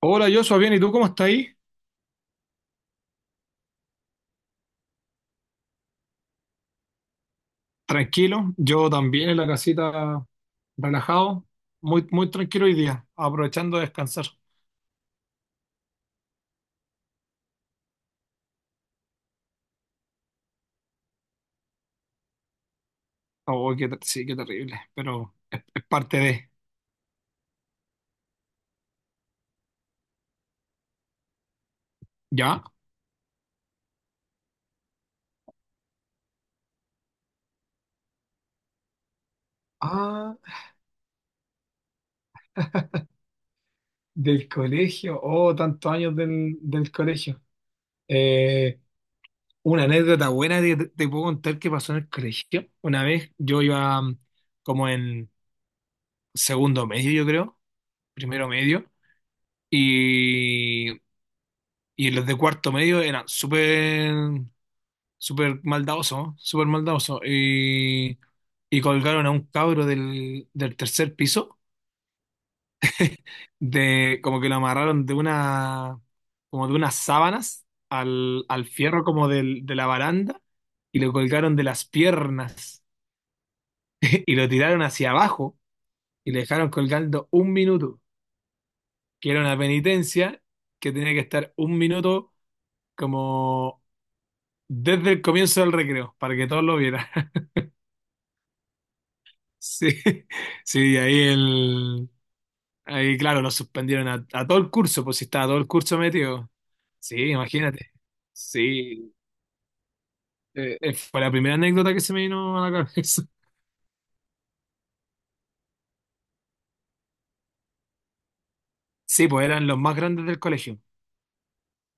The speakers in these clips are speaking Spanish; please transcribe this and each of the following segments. Hola, Joshua, bien, ¿y tú cómo estás ahí? Tranquilo, yo también en la casita, relajado, muy, muy tranquilo hoy día, aprovechando de descansar. Oh, qué ter- sí, qué terrible, pero es parte de, ¿ya? Ah, del colegio, oh, tantos años del colegio. Eh, una anécdota buena que te puedo contar que pasó en el colegio. Una vez yo iba como en segundo medio, yo creo, primero medio, y, y los de cuarto medio eran súper maldadoso, súper maldadoso. Y colgaron a un cabro del tercer piso, de, como que lo amarraron de una, como de unas sábanas al fierro como del, de la baranda y lo colgaron de las piernas y lo tiraron hacia abajo y le dejaron colgando un minuto, que era una penitencia que tenía que estar un minuto como desde el comienzo del recreo, para que todos lo vieran. Sí, sí, ahí, claro, lo suspendieron a todo el curso, pues si estaba todo el curso metido. Sí, imagínate. Sí, fue la primera anécdota que se me vino a la cabeza. Sí, pues eran los más grandes del colegio.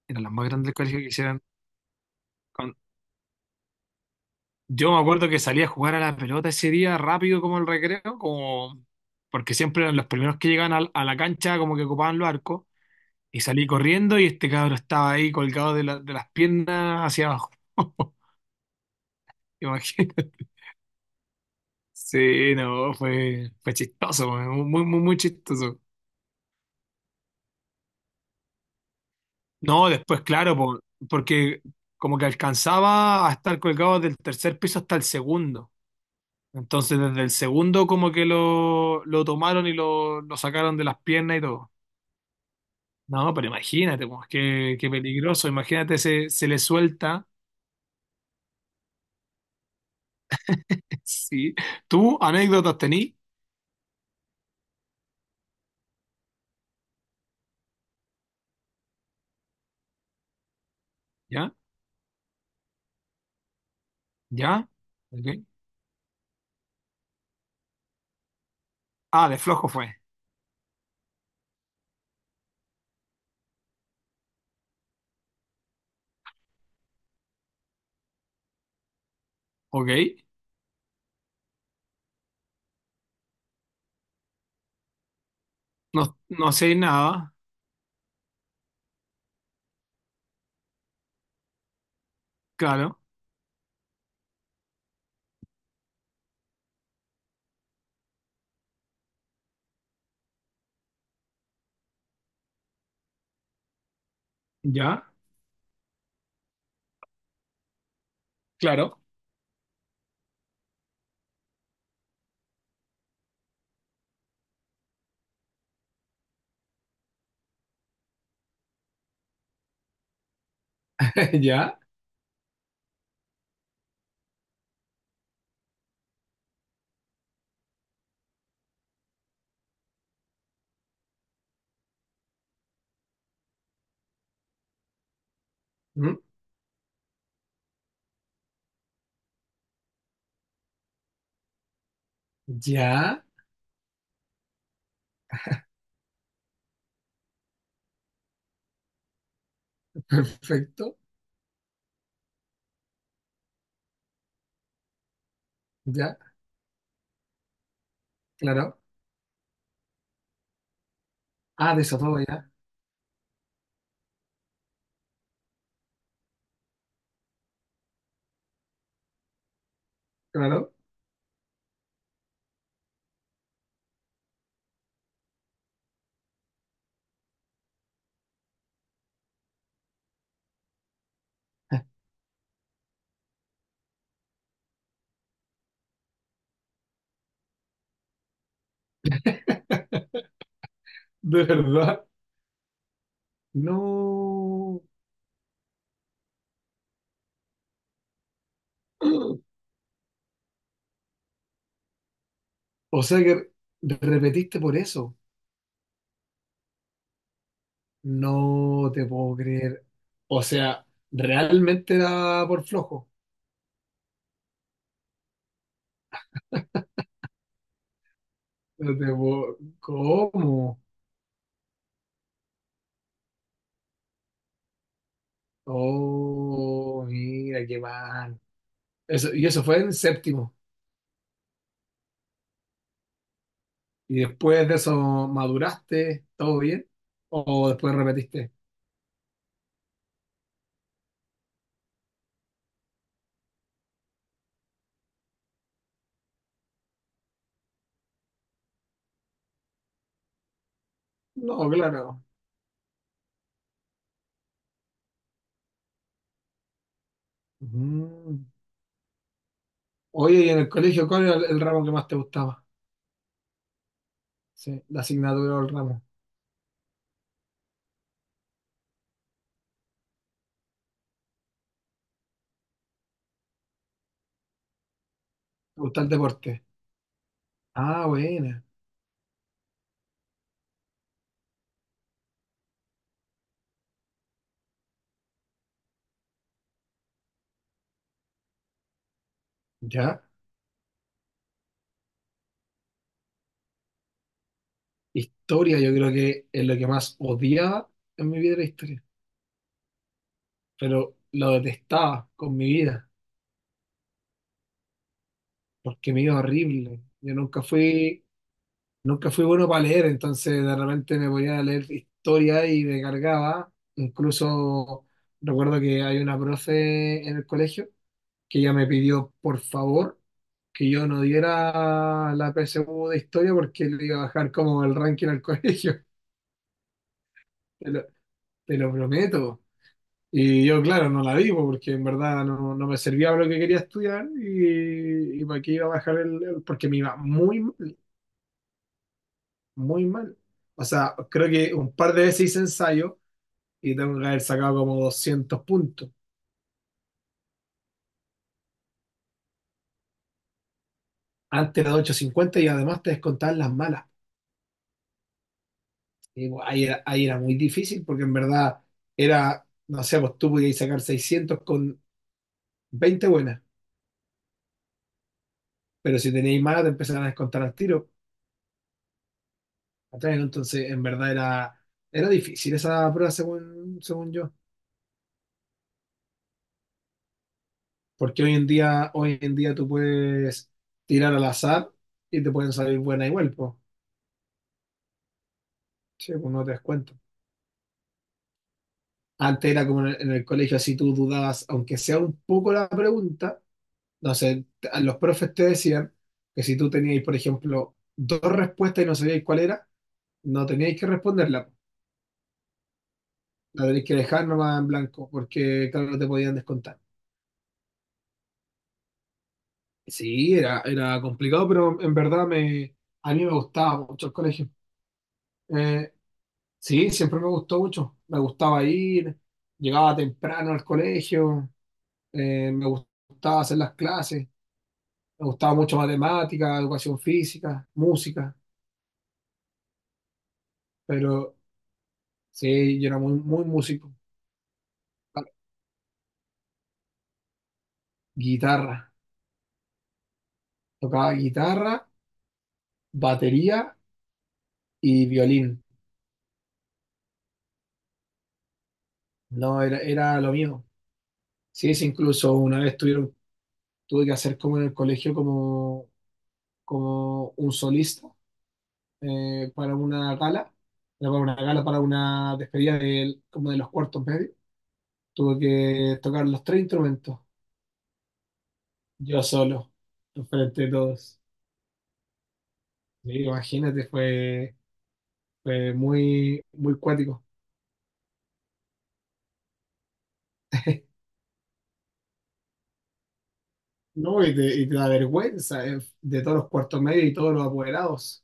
Eran los más grandes del colegio que hicieron. Con- Yo me acuerdo que salía a jugar a la pelota ese día rápido como el recreo, como… porque siempre eran los primeros que llegaban al- a, la cancha, como que ocupaban los arcos. Y salí corriendo y este cabro estaba ahí colgado de, la- de las piernas hacia abajo. Imagínate. Sí, no, fue chistoso, muy, muy chistoso. No, después, claro, por- porque como que alcanzaba a estar colgado del tercer piso hasta el segundo. Entonces, desde el segundo, como que lo tomaron y lo sacaron de las piernas y todo. No, pero imagínate, pues, qué peligroso. Imagínate, se le suelta. Sí. ¿Tú anécdotas tení? ¿Ya? ¿Ya? Ok. Ah, de flojo fue. Ok. No, no sé nada. Claro. ¿Ya? Claro. Ya, ¿Mm? Ya, perfecto, ya, claro. Ah, de eso todo ya, claro. De verdad, no. O sea que repetiste por eso. No te puedo creer. O sea, realmente era por flojo. No te puedo- ¿Cómo? Oh, mira, qué mal. Eso, y eso fue en séptimo. ¿Y después de eso maduraste? ¿Todo bien? ¿O después repetiste? No, claro. Mm. Oye, ¿y en el colegio cuál era el ramo que más te gustaba? Sí, la asignatura o el ramo. ¿Te gusta el deporte? Ah, buena. Ya. Historia, yo creo que es lo que más odiaba en mi vida era historia. Pero lo detestaba con mi vida, porque me iba horrible. Yo nunca fui, nunca fui bueno para leer, entonces de repente me ponía a leer historia y me cargaba. Incluso recuerdo que hay una profe en el colegio que ella me pidió por favor que yo no diera la PSU de historia porque le iba a bajar como el ranking al colegio, te lo, te lo prometo. Y yo, claro, no la di porque en verdad no me servía para lo que quería estudiar y para qué iba a bajar porque me iba muy mal, muy mal. O sea, creo que un par de veces hice ensayo y tengo que haber sacado como 200 puntos. Antes era de 850 y además te descontaban las malas. Digo, ahí era muy difícil porque en verdad era, no sé, pues tú podías sacar 600 con 20 buenas, pero si tenías más te empezaban a descontar al tiro. ¿Cachai? Entonces, era difícil esa prueba según, según yo, porque hoy en día tú puedes tirar al azar y te pueden salir buenas igual, pues, sí, pues no te das cuenta. Antes era como en en el colegio, así tú dudabas, aunque sea un poco la pregunta, No sé, a los profes te decían que si tú teníais, por ejemplo, dos respuestas y no sabíais cuál era, no teníais que responderla. La tenéis que dejar nomás en blanco, porque claro, no te podían descontar. Sí, era complicado, pero en verdad a mí me gustaba mucho el colegio. Eh, sí, siempre me gustó mucho. Me gustaba ir, llegaba temprano al colegio, me gustaba hacer las clases, me gustaba mucho matemática, educación física, música, pero Sí, yo era muy músico. Guitarra. Tocaba guitarra, batería y violín. No, era lo mío. Sí, sí, incluso una vez tuvieron, tuve que hacer como en el colegio como, como un solista para una gala. Era para una gala, para una despedida del- como de los cuartos medios. Tuve que tocar los tres instrumentos, yo solo, enfrente de todos. Sí, imagínate, fue muy cuático. No, y te da vergüenza de todos los cuartos medios y todos los apoderados.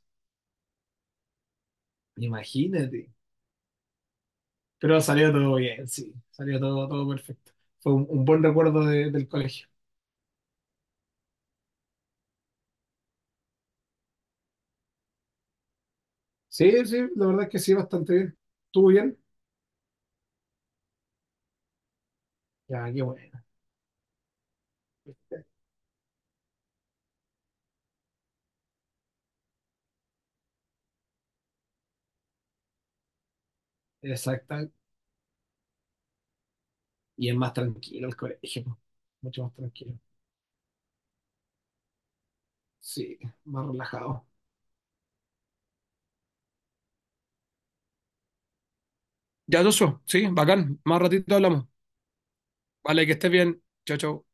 Imagínate. Pero salió todo bien, sí. Salió todo, todo perfecto. Fue un buen recuerdo de- del colegio. Sí, sí, la verdad es que sí, bastante bien. ¿Estuvo bien? Ya, qué bueno. Exacta. Y es más tranquilo el colegio. Po. Mucho más tranquilo. Sí, más relajado. Ya, Joshua, sí, bacán. Más ratito hablamos. Vale, que estés bien. Chao, chao.